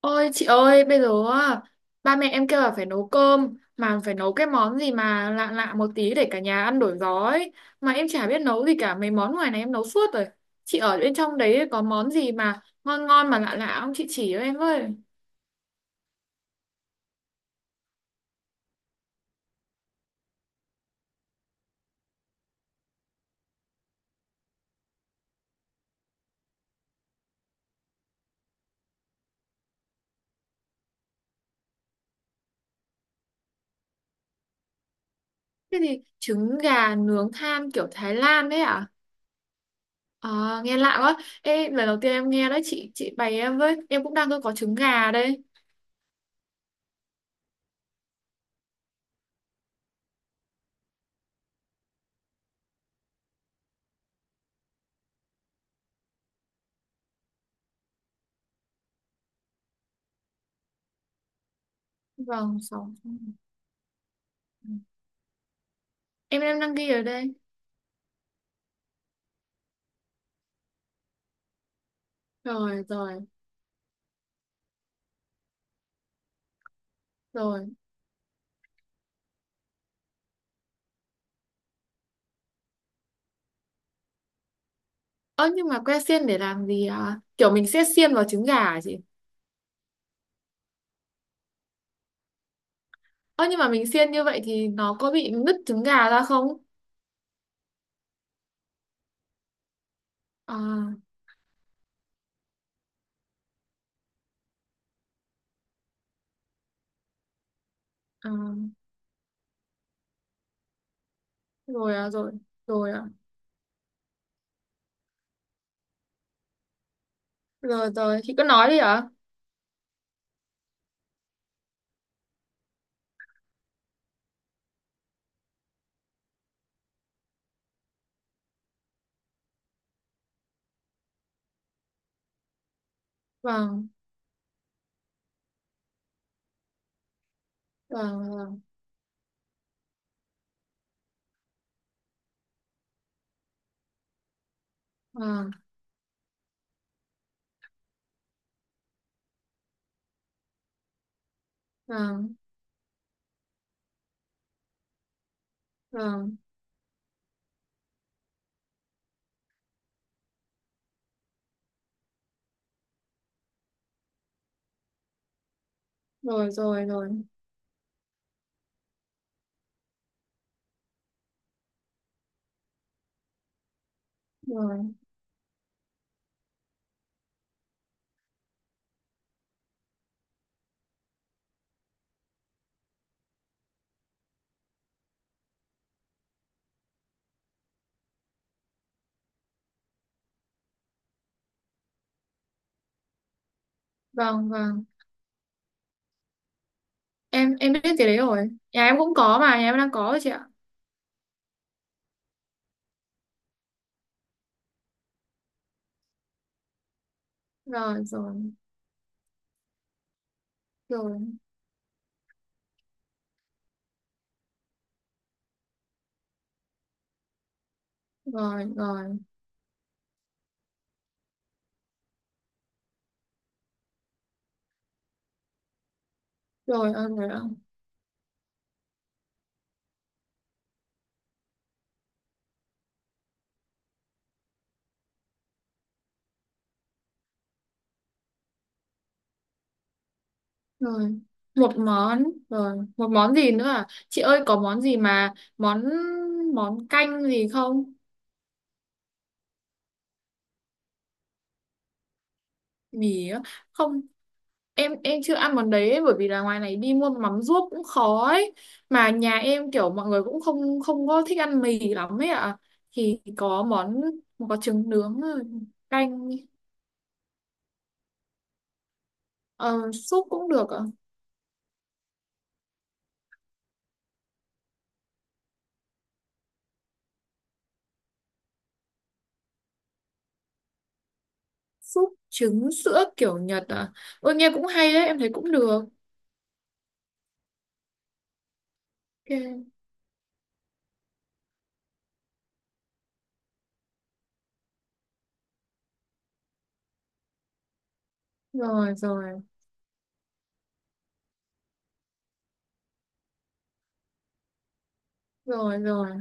Ôi chị ơi, bây giờ á, ba mẹ em kêu là phải nấu cơm mà phải nấu cái món gì mà lạ lạ một tí để cả nhà ăn đổi gió ấy. Mà em chả biết nấu gì cả, mấy món ngoài này em nấu suốt rồi. Chị ở bên trong đấy có món gì mà ngon ngon mà lạ lạ không chị chỉ cho em với. Cái gì trứng gà nướng than kiểu Thái Lan đấy à? À, nghe lạ quá. Ê, lần đầu tiên em nghe đấy, chị bày em với. Em cũng đang có trứng gà đây. Vâng, sáu. Em đang ghi ở đây. Rồi, rồi, rồi. Ơ nhưng mà que xiên để làm gì à? Kiểu mình sẽ xiên vào trứng gà hả chị? Ơ nhưng mà mình xiên như vậy thì nó có bị nứt trứng gà ra không? À, à rồi, à rồi, rồi, à rồi, rồi chị cứ nói đi ạ. Vâng, vâng, vâng, vâng, vâng, vâng, rồi, rồi, rồi, rồi, vâng, vâng, em biết cái đấy rồi, nhà em cũng có, mà nhà em đang có rồi chị ạ. Rồi, rồi, rồi, rồi, rồi, rồi, ơn rồi ạ. Rồi một món, rồi một món gì nữa à chị ơi, có món gì mà món, món canh gì không? Mì á? Không, em chưa ăn món đấy ấy, bởi vì là ngoài này đi mua mắm ruốc cũng khó ấy, mà nhà em kiểu mọi người cũng không không có thích ăn mì lắm ấy ạ à. Thì có món, có trứng nướng rồi, canh. Ờ, Súp cũng được ạ. Súp trứng sữa kiểu Nhật à? Ôi nghe cũng hay đấy, em thấy cũng được. OK. Rồi, rồi, rồi, rồi,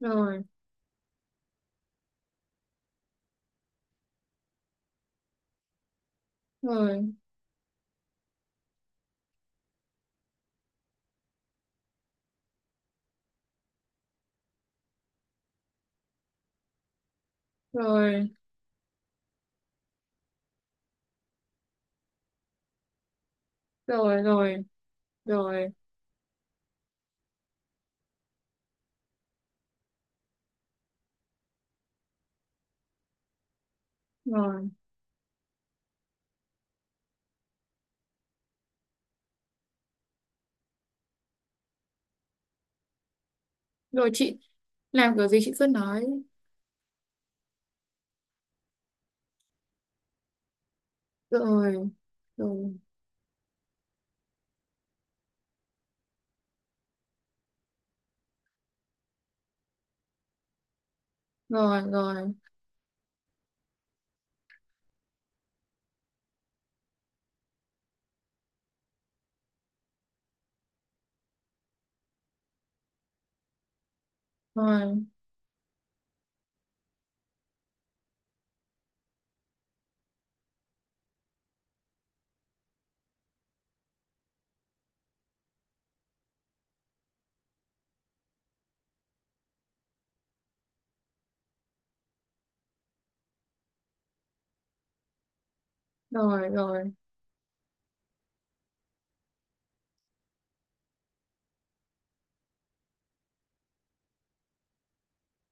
rồi, rồi, rồi, rồi, rồi, rồi, rồi, rồi chị, làm kiểu gì chị cứ nói. Rồi, rồi, rồi, rồi, rồi, rồi, rồi,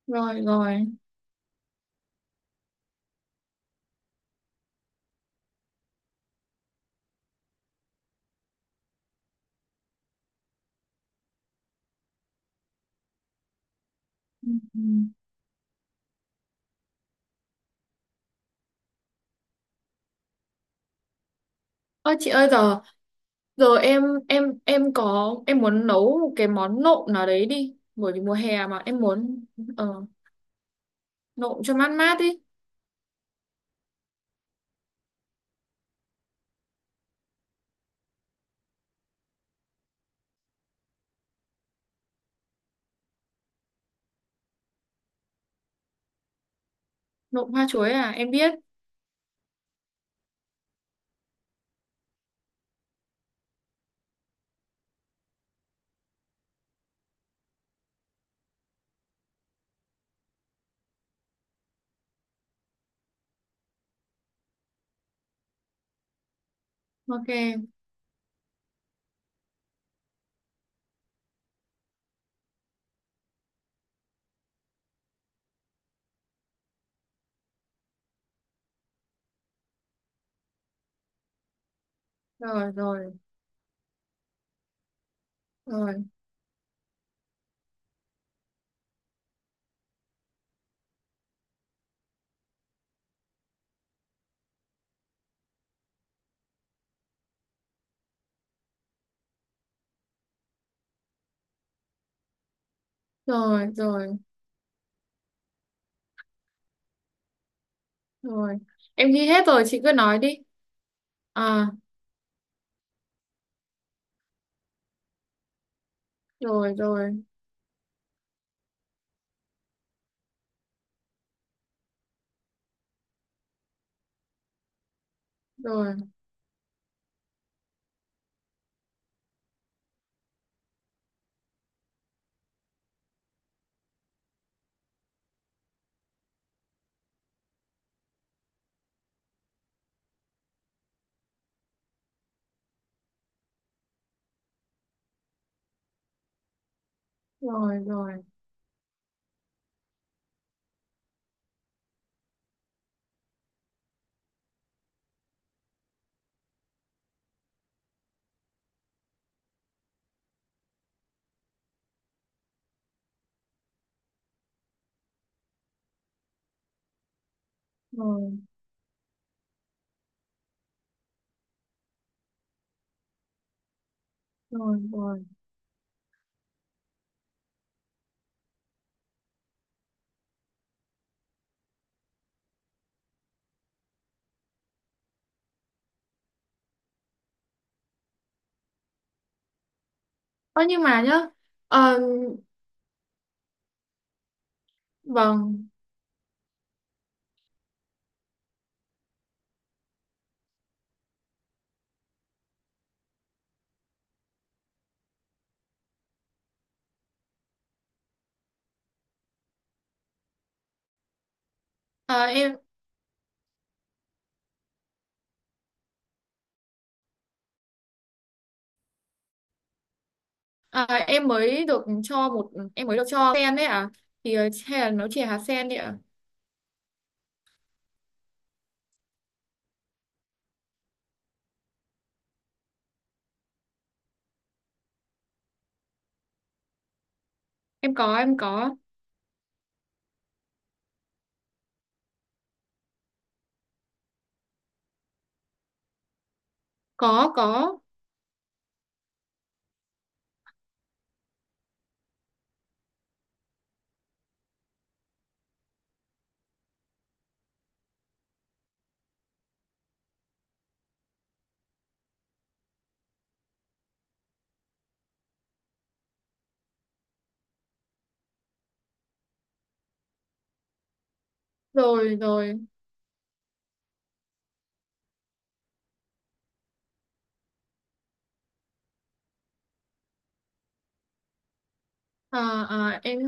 rồi, rồi. Ừ, ừ. Ơ chị ơi giờ, giờ em, em có, em muốn nấu một cái món nộm nào đấy đi, bởi vì mùa hè mà em muốn, ờ, nộm cho mát mát đi. Nộm hoa chuối à, em biết. OK. Rồi, rồi, rồi, rồi, rồi, rồi, em ghi hết rồi chị cứ nói đi. À, rồi, rồi, rồi, rồi, rồi, rồi, rồi, rồi. Ơ nhưng mà nhá. ờ, vâng. Ờ, em, ờ, em mới được cho một, em mới được cho sen đấy à, thì hay là nó chỉ hạt sen đấy ạ. Em có, em có. Có, có. Rồi, rồi. Ờ, ờ, em.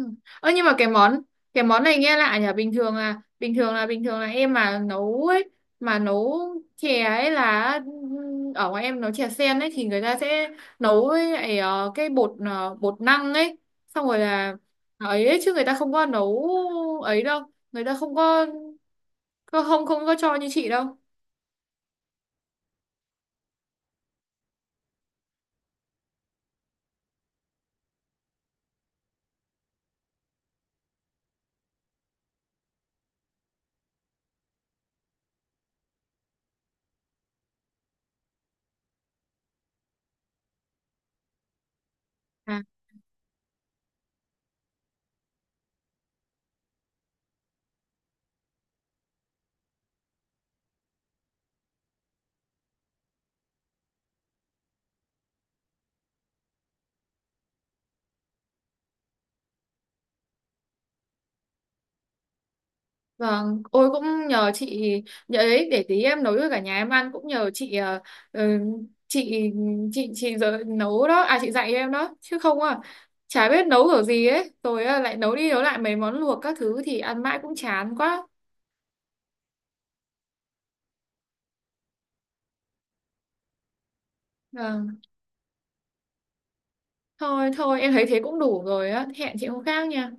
Ơ nhưng mà cái món, cái món này nghe lạ nhỉ, bình thường là bình thường là bình thường là em mà nấu ấy, mà nấu chè ấy là ở ngoài em nấu chè sen ấy thì người ta sẽ nấu với lại, cái bột, bột năng ấy, xong rồi là ấy, ấy chứ người ta không có nấu ấy đâu, người ta không có, không, không có cho như chị đâu. Vâng, ôi cũng nhờ chị, nhờ ấy để tí em nấu cho cả nhà em ăn, cũng nhờ chị. Ờ, ừ, chị, chị giờ nấu đó, à chị dạy em đó chứ không à chả biết nấu kiểu gì ấy, rồi à, lại nấu đi nấu lại mấy món luộc các thứ thì ăn mãi cũng chán quá. Vâng, thôi thôi em thấy thế cũng đủ rồi á, hẹn chị hôm khác nha.